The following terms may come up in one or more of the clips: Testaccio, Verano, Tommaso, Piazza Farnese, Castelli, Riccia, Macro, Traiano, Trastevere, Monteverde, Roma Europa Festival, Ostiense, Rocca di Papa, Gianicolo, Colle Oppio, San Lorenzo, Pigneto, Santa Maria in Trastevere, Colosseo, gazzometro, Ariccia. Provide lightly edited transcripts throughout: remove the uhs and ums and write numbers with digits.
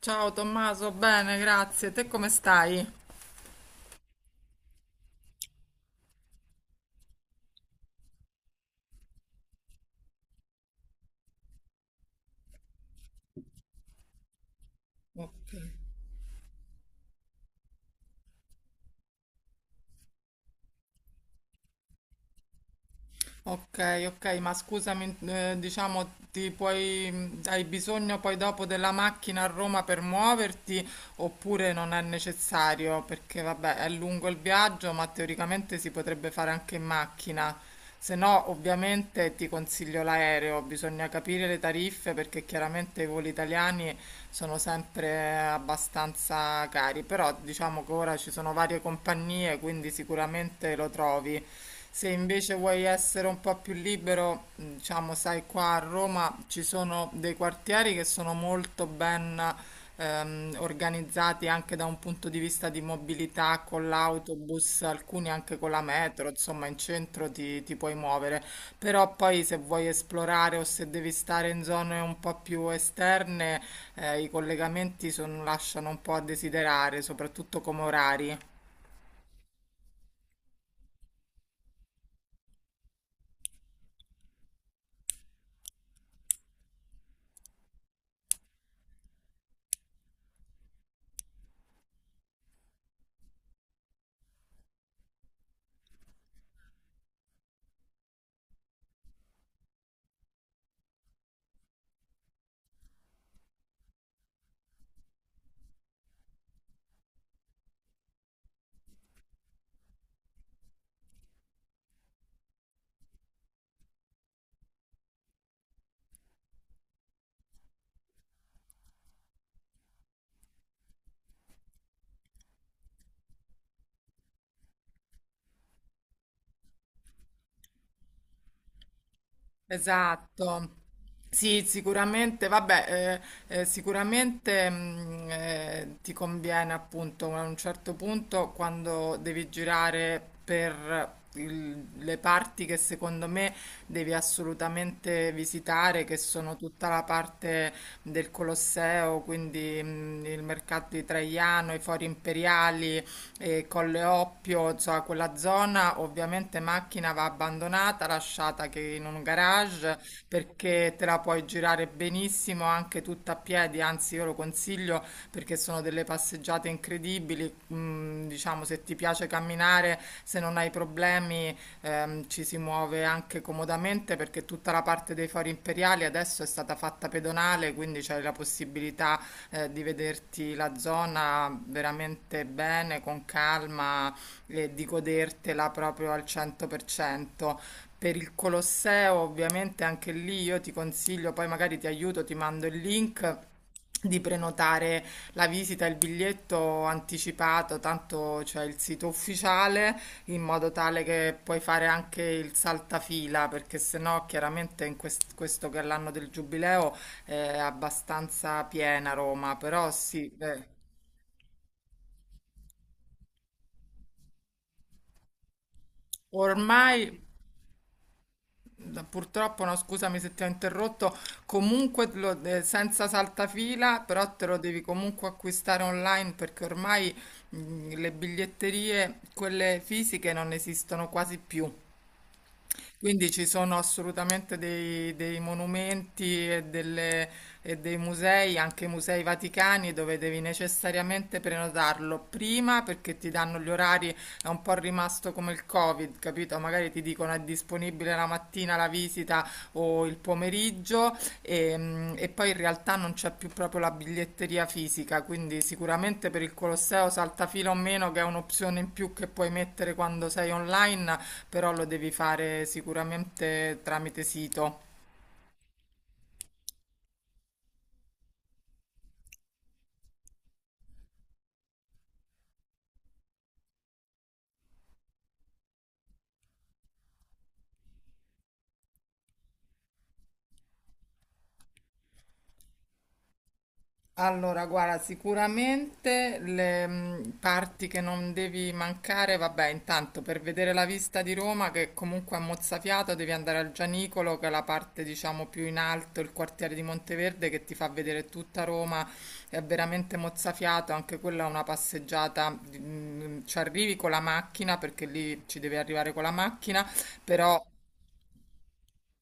Ciao Tommaso, bene, grazie. Te come stai? Ok. Ok, ok, ma scusami, diciamo, ti puoi, hai bisogno poi dopo della macchina a Roma per muoverti oppure non è necessario? Perché vabbè, è lungo il viaggio, ma teoricamente si potrebbe fare anche in macchina. Se no, ovviamente ti consiglio l'aereo, bisogna capire le tariffe perché chiaramente i voli italiani sono sempre abbastanza cari, però diciamo che ora ci sono varie compagnie, quindi sicuramente lo trovi. Se invece vuoi essere un po' più libero, diciamo, sai, qua a Roma ci sono dei quartieri che sono molto ben organizzati anche da un punto di vista di mobilità con l'autobus, alcuni anche con la metro, insomma, in centro ti puoi muovere. Però poi se vuoi esplorare o se devi stare in zone un po' più esterne, i collegamenti lasciano un po' a desiderare, soprattutto come orari. Esatto. Sì, sicuramente, vabbè, sicuramente ti conviene appunto a un certo punto quando devi girare per le parti che secondo me devi assolutamente visitare, che sono tutta la parte del Colosseo, quindi il mercato di Traiano, i fori imperiali, Colle Oppio, insomma, quella zona ovviamente macchina va abbandonata, lasciata che in un garage perché te la puoi girare benissimo anche tutta a piedi, anzi io lo consiglio perché sono delle passeggiate incredibili, diciamo se ti piace camminare, se non hai problemi ci si muove anche comodamente perché tutta la parte dei fori imperiali adesso è stata fatta pedonale, quindi c'è la possibilità di vederti la zona veramente bene, con calma e di godertela proprio al 100%. Per cento. Per il Colosseo, ovviamente anche lì io ti consiglio, poi magari ti aiuto, ti mando il link di prenotare la visita e il biglietto anticipato, tanto c'è il sito ufficiale, in modo tale che puoi fare anche il saltafila, perché sennò chiaramente in questo che è l'anno del giubileo è abbastanza piena Roma, però sì, ormai purtroppo, no, scusami se ti ho interrotto, comunque senza saltafila, però te lo devi comunque acquistare online perché ormai le biglietterie, quelle fisiche, non esistono quasi più. Quindi ci sono assolutamente dei monumenti e, e dei musei, anche musei vaticani, dove devi necessariamente prenotarlo prima perché ti danno gli orari, è un po' rimasto come il Covid, capito? Magari ti dicono è disponibile la mattina la visita o il pomeriggio e, e poi in realtà non c'è più proprio la biglietteria fisica, quindi sicuramente per il Colosseo saltafila o meno, che è un'opzione in più che puoi mettere quando sei online però lo devi fare sicuramente tramite sito. Allora, guarda, sicuramente le parti che non devi mancare, vabbè, intanto per vedere la vista di Roma, che comunque è mozzafiato, devi andare al Gianicolo, che è la parte, diciamo, più in alto, il quartiere di Monteverde, che ti fa vedere tutta Roma, è veramente mozzafiato, anche quella è una passeggiata, ci arrivi con la macchina, perché lì ci devi arrivare con la macchina, però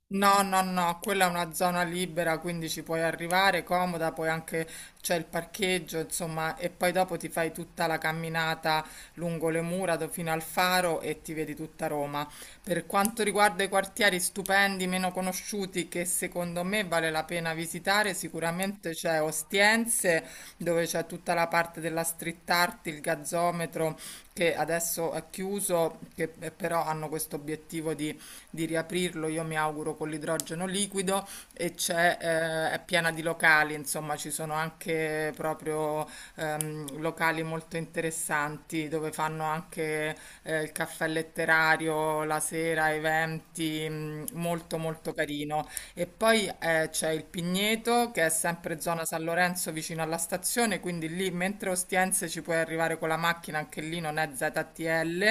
no, no, no, quella è una zona libera, quindi ci puoi arrivare comoda, poi anche c'è il parcheggio, insomma, e poi dopo ti fai tutta la camminata lungo le mura fino al faro e ti vedi tutta Roma. Per quanto riguarda i quartieri stupendi, meno conosciuti, che secondo me vale la pena visitare, sicuramente c'è Ostiense, dove c'è tutta la parte della street art, il gazzometro, che adesso è chiuso, che però hanno questo obiettivo di riaprirlo, io mi auguro con l'idrogeno liquido e c'è, è piena di locali, insomma ci sono anche proprio locali molto interessanti dove fanno anche il caffè letterario la sera, eventi, molto molto carino. E poi c'è il Pigneto che è sempre zona San Lorenzo vicino alla stazione, quindi lì mentre Ostiense ci puoi arrivare con la macchina, anche lì non è ZTL,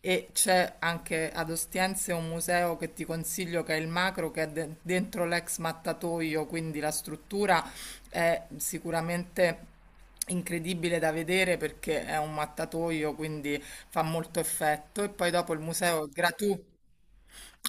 e c'è anche ad Ostiense un museo che ti consiglio che è il Macro, che è dentro l'ex mattatoio, quindi la struttura è sicuramente incredibile da vedere perché è un mattatoio, quindi fa molto effetto. E poi dopo il museo è gratuito.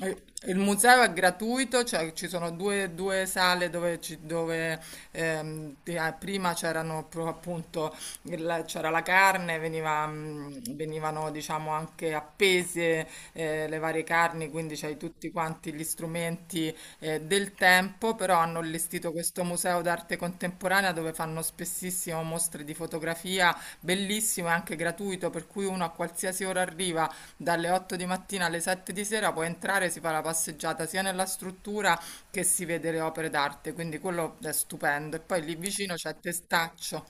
Eh, Il museo è gratuito, cioè ci sono due sale dove, dove, prima appunto c'era la carne, veniva, venivano diciamo anche appese le varie carni, quindi c'hai tutti quanti gli strumenti del tempo, però hanno allestito questo museo d'arte contemporanea dove fanno spessissimo mostre di fotografia, bellissimo e anche gratuito, per cui uno a qualsiasi ora arriva dalle 8 di mattina alle 7 di sera puoi entrare, si fa la passeggiata sia nella struttura che si vede le opere d'arte, quindi quello è stupendo. E poi lì vicino c'è Testaccio.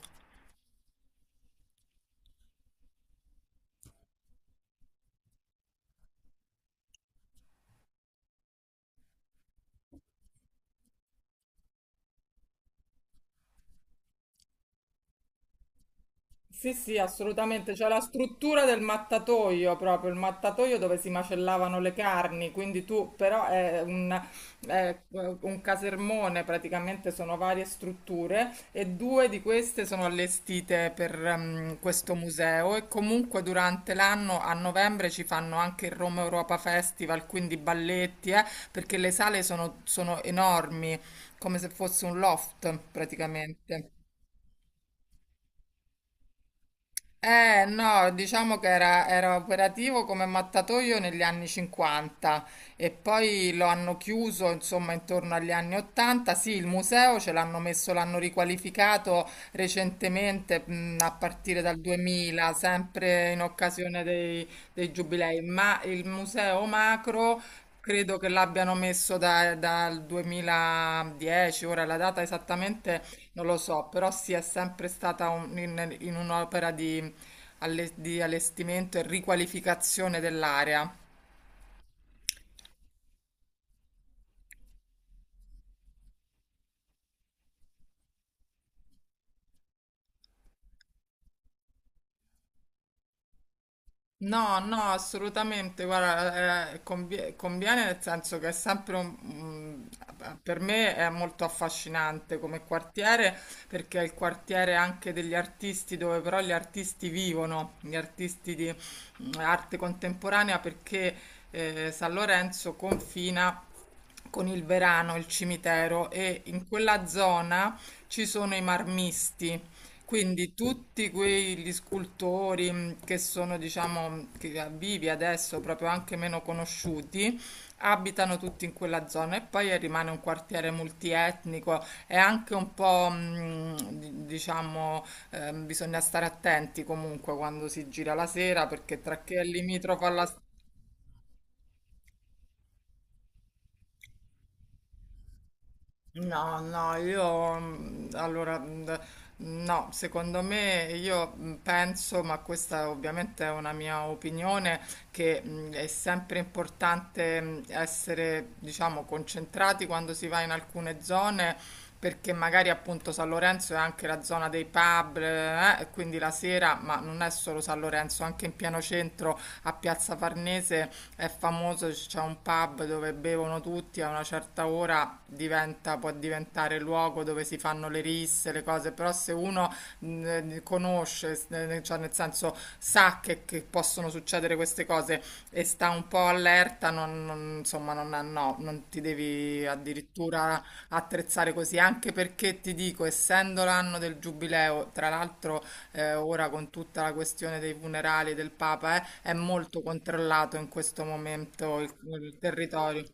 Sì, sì, assolutamente. C'è la struttura del mattatoio proprio, il mattatoio dove si macellavano le carni, quindi tu però è un casermone, praticamente sono varie strutture e due di queste sono allestite per questo museo e comunque durante l'anno a novembre ci fanno anche il Roma Europa Festival, quindi balletti, perché le sale sono enormi, come se fosse un loft praticamente. No, diciamo che era, era operativo come mattatoio negli anni 50 e poi lo hanno chiuso, insomma, intorno agli anni 80. Sì, il museo ce l'hanno messo, l'hanno riqualificato recentemente, a partire dal 2000, sempre in occasione dei, dei giubilei, ma il museo Macro credo che l'abbiano messo dal 2010, ora la data esattamente non lo so, però sì, è sempre stata in, in un'opera di di allestimento e riqualificazione dell'area. No, no, assolutamente, guarda, conviene nel senso che è sempre un, per me è molto affascinante come quartiere perché è il quartiere anche degli artisti dove però gli artisti vivono, gli artisti di arte contemporanea perché San Lorenzo confina con il Verano, il cimitero e in quella zona ci sono i marmisti. Quindi tutti quegli scultori che sono, diciamo, vivi adesso, proprio anche meno conosciuti, abitano tutti in quella zona e poi rimane un quartiere multietnico e anche un po', diciamo, bisogna stare attenti comunque quando si gira la sera perché tra chi è limitrofo alla no, no, io allora no, secondo me io penso, ma questa ovviamente è una mia opinione, che è sempre importante essere, diciamo, concentrati quando si va in alcune zone. Perché magari appunto San Lorenzo è anche la zona dei pub, e quindi la sera, ma non è solo San Lorenzo, anche in pieno centro a Piazza Farnese è famoso, c'è cioè, un pub dove bevono tutti, a una certa ora diventa, può diventare luogo dove si fanno le risse, le cose, però se uno conosce, cioè nel senso sa che possono succedere queste cose e sta un po' allerta, non, insomma, non, no, non ti devi addirittura attrezzare così, anche perché ti dico, essendo l'anno del giubileo, tra l'altro ora con tutta la questione dei funerali del Papa, è molto controllato in questo momento il territorio.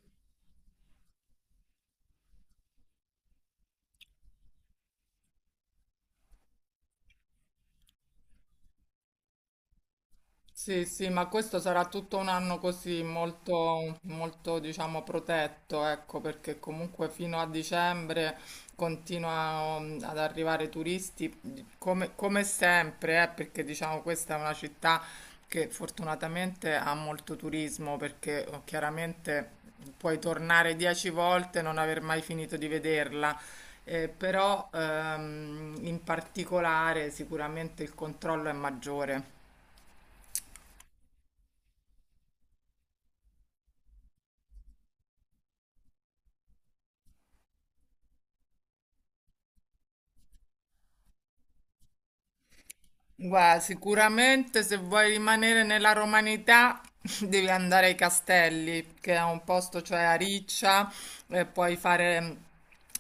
Sì, sì, ma questo sarà tutto un anno così, molto, molto, diciamo, protetto, ecco, perché comunque fino a dicembre continuano ad arrivare turisti, come, come sempre, perché diciamo questa è una città che fortunatamente ha molto turismo, perché oh, chiaramente puoi tornare 10 volte e non aver mai finito di vederla. Però in particolare sicuramente il controllo è maggiore. Guarda, sicuramente se vuoi rimanere nella romanità devi andare ai Castelli, che è un posto, cioè a Riccia, e puoi fare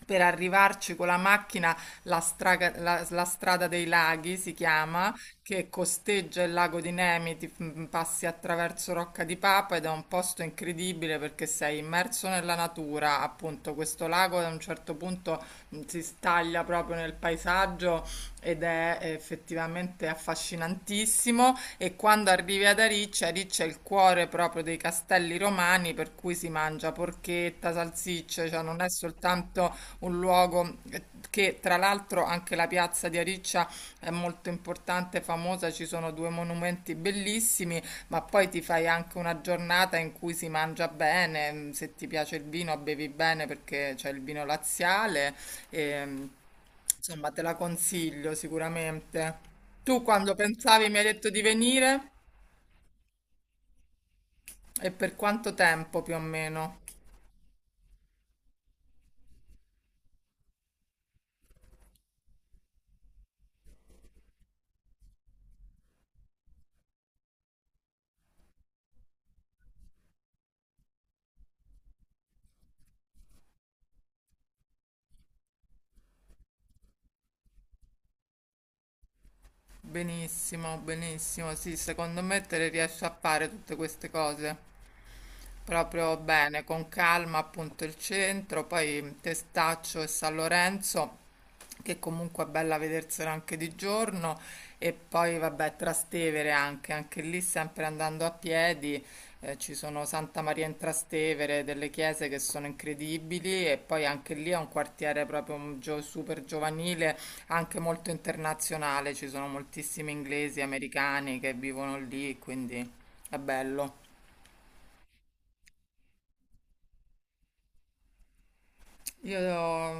per arrivarci con la macchina la, la strada dei laghi, si chiama, che costeggia il lago di Nemi, passi attraverso Rocca di Papa ed è un posto incredibile perché sei immerso nella natura, appunto questo lago ad un certo punto si staglia proprio nel paesaggio ed è effettivamente affascinantissimo e quando arrivi ad Ariccia, Ariccia è il cuore proprio dei castelli romani per cui si mangia porchetta, salsicce, cioè non è soltanto un luogo che tra l'altro anche la piazza di Ariccia è molto importante, e famosa, ci sono due monumenti bellissimi ma poi ti fai anche una giornata in cui si mangia bene, se ti piace il vino bevi bene perché c'è il vino laziale, e, insomma te la consiglio sicuramente. Tu quando pensavi mi hai detto di venire e per quanto tempo più o meno? Benissimo, benissimo, sì, secondo me te le riesci a fare tutte queste cose. Proprio bene, con calma appunto il centro, poi Testaccio e San Lorenzo, che comunque è bella vedersela anche di giorno, e poi vabbè Trastevere anche, anche lì sempre andando a piedi, ci sono Santa Maria in Trastevere, delle chiese che sono incredibili e poi anche lì è un quartiere proprio un super giovanile, anche molto internazionale, ci sono moltissimi inglesi, americani che vivono lì, quindi è bello. Io,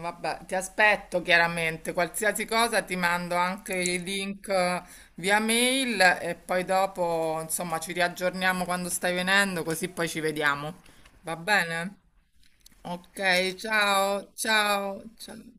vabbè, ti aspetto chiaramente, qualsiasi cosa ti mando anche i link via mail e poi dopo, insomma, ci riaggiorniamo quando stai venendo, così poi ci vediamo. Va bene? Ok, ciao, ciao, ciao.